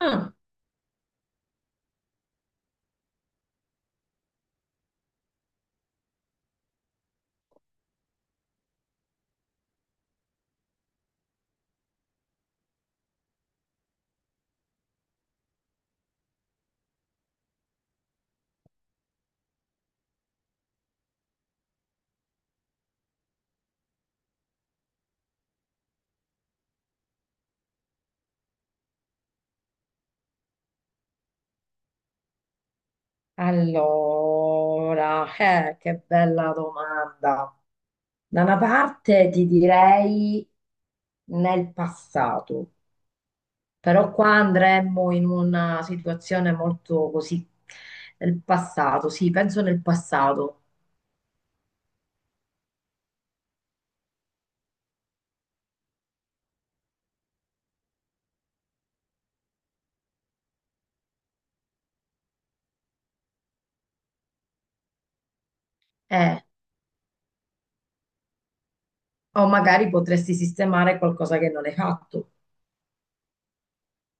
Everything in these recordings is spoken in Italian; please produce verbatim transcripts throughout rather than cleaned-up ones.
Ah, allora, eh, che bella domanda. Da una parte ti direi nel passato, però qua andremmo in una situazione molto così, nel passato, sì, penso nel passato. Eh, o magari potresti sistemare qualcosa che non hai fatto.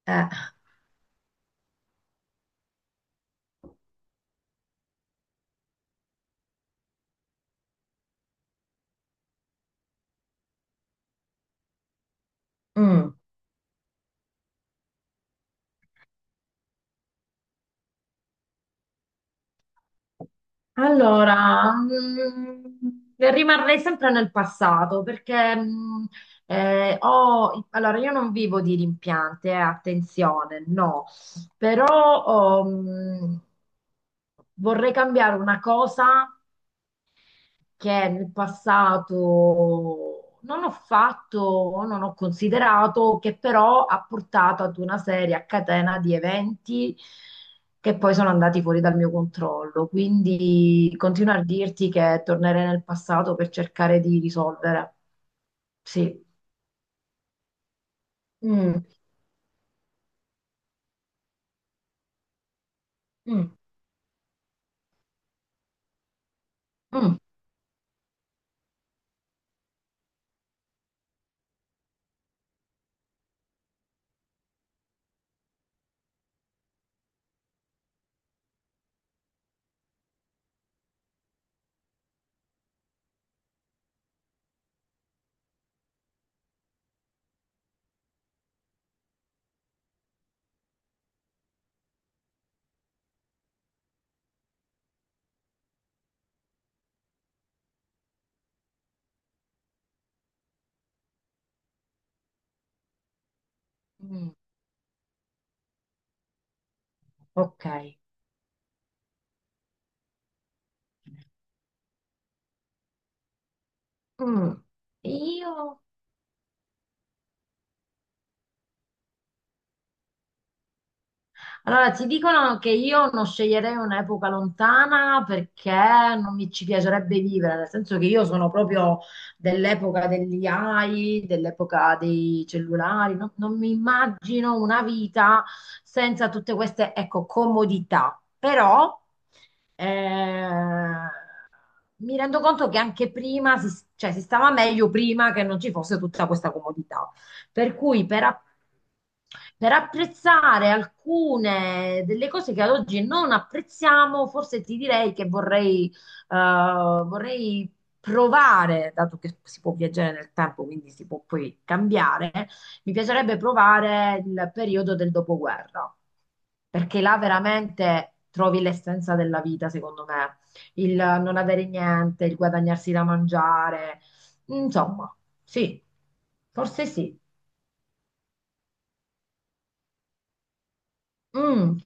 Eh, mm. Allora, mm, rimarrei sempre nel passato perché mm, eh, ho, allora io non vivo di rimpianti, eh, attenzione, no, però oh, mm, vorrei cambiare una cosa che nel passato non ho fatto o non ho considerato, che però ha portato ad una serie a catena di eventi che poi sono andati fuori dal mio controllo. Quindi continuo a dirti che tornerei nel passato per cercare di risolvere. Sì. Mm, mm, mm, mm. Ok. Mm. Io. Allora, ti dicono che io non sceglierei un'epoca lontana perché non mi ci piacerebbe vivere, nel senso che io sono proprio dell'epoca degli A I, dell'epoca dei cellulari, no- non mi immagino una vita senza tutte queste, ecco, comodità. Però eh, mi rendo conto che anche prima si, cioè, si stava meglio prima che non ci fosse tutta questa comodità. Per cui per, app- per apprezzare alcune delle cose che ad oggi non apprezziamo, forse ti direi che vorrei, eh, vorrei provare, dato che si può viaggiare nel tempo, quindi si può poi cambiare, mi piacerebbe provare il periodo del dopoguerra, perché là veramente trovi l'essenza della vita, secondo me il non avere niente, il guadagnarsi da mangiare, insomma, sì, forse sì. Mm,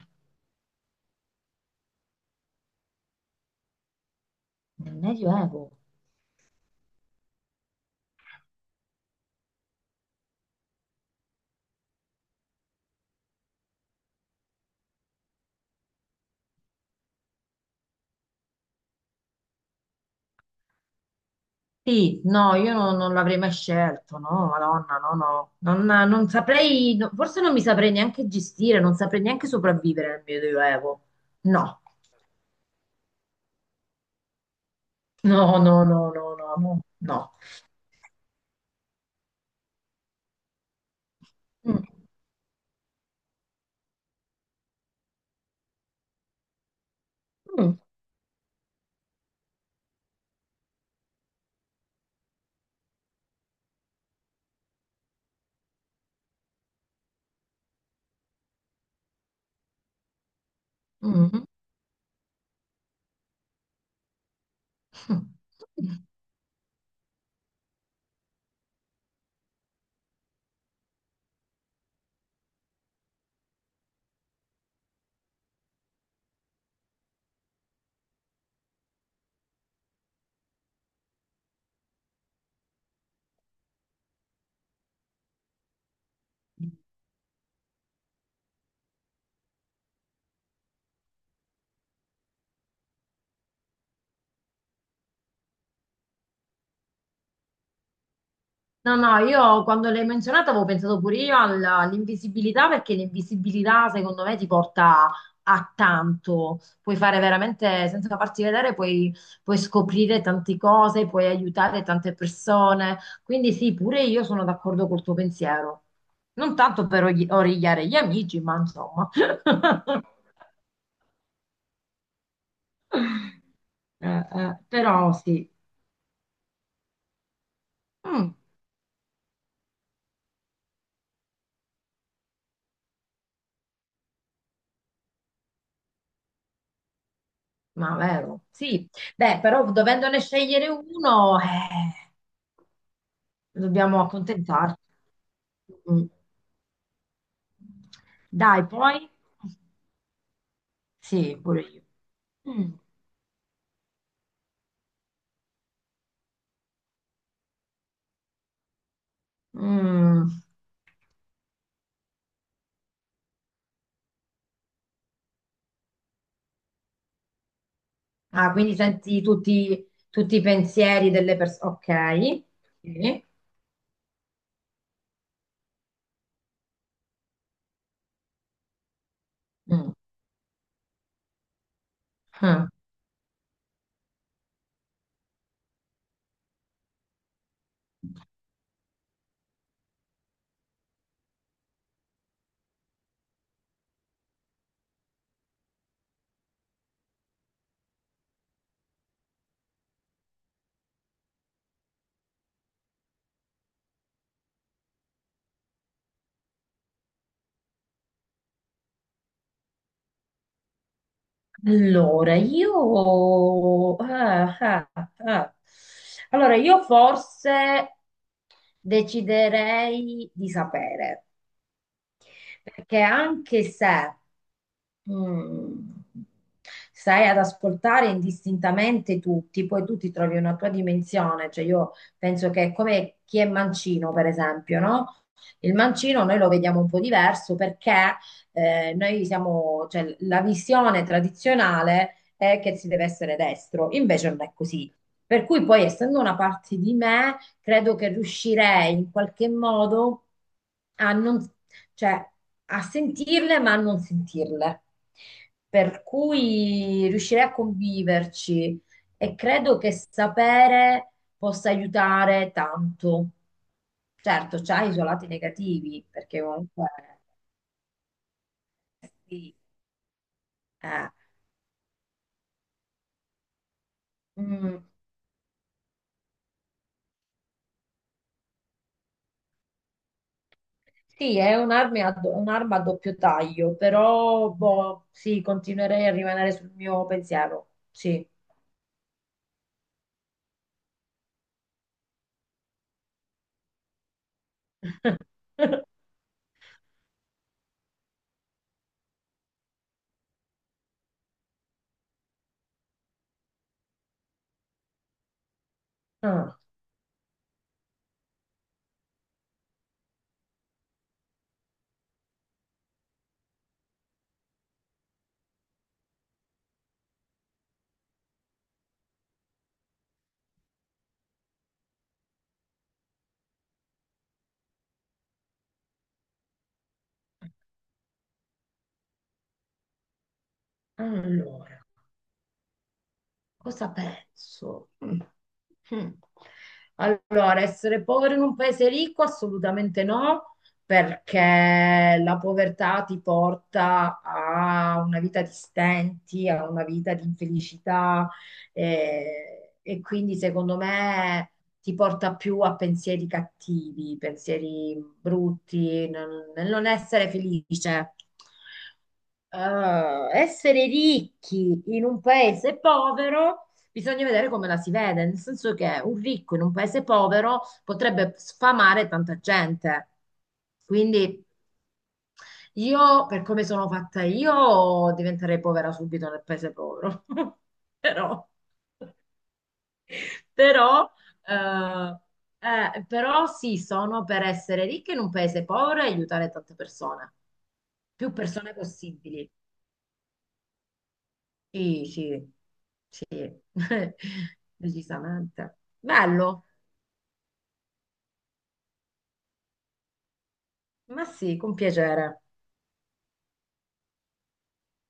nel Medioevo. Sì, no, io non, non l'avrei mai scelto, no, Madonna, no, no, non, non saprei, no, forse non mi saprei neanche gestire, non saprei neanche sopravvivere nel Medioevo. No, no, no, no, no, no, no, no. Mm, mm, mm. Mm. No, no, io quando l'hai menzionata avevo pensato pure io alla- all'invisibilità perché l'invisibilità secondo me ti porta a tanto, puoi fare veramente senza farti vedere, puoi, puoi scoprire tante cose, puoi aiutare tante persone, quindi sì, pure io sono d'accordo col tuo pensiero, non tanto per ogli- origliare gli amici, ma insomma, Eh, eh, però sì. Mm, ma vero, sì, beh, però dovendone scegliere uno, eh, dobbiamo accontentarci. Mm. Dai, poi? Sì, pure io. Mm. Mm. Ah, quindi senti tutti, tutti, i pensieri delle persone. Ok. Sì. Mm. Ah. Allora, io... ah, ah, ah. Allora, io forse deciderei di sapere. Perché anche se mm, stai ad ascoltare indistintamente tutti, poi tu ti trovi una tua dimensione, cioè io penso che è come chi è mancino, per esempio, no? Il mancino noi lo vediamo un po' diverso perché eh, noi siamo, cioè, la visione tradizionale è che si deve essere destro, invece non è così. Per cui poi, essendo una parte di me, credo che riuscirei in qualche modo a non cioè a sentirle ma a non sentirle. Per cui riuscirei a conviverci e credo che sapere possa aiutare tanto. Certo, c'ha i suoi lati negativi, perché comunque sì, eh, mm, sì, è un'arma a, do- un'arma a doppio taglio, però boh, sì, continuerei a rimanere sul mio pensiero. Sì. Ah, allora. Cosa penso? Mm. Mm. Allora, essere povero in un paese ricco? Assolutamente no, perché la povertà ti porta a una vita di stenti, a una vita di infelicità, eh, e quindi secondo me ti porta più a pensieri cattivi, pensieri brutti, nel nel non essere felice. Eh, essere ricchi in un paese povero, bisogna vedere come la si vede, nel senso che un ricco in un paese povero potrebbe sfamare tanta gente. Quindi io, per come sono fatta io, diventerei povera subito nel paese povero. Però, però, eh, eh, però sì, sono per essere ricca in un paese povero e aiutare tante persone, più persone possibili. Sì, sì. Decisamente. Bello, ma sì, con piacere.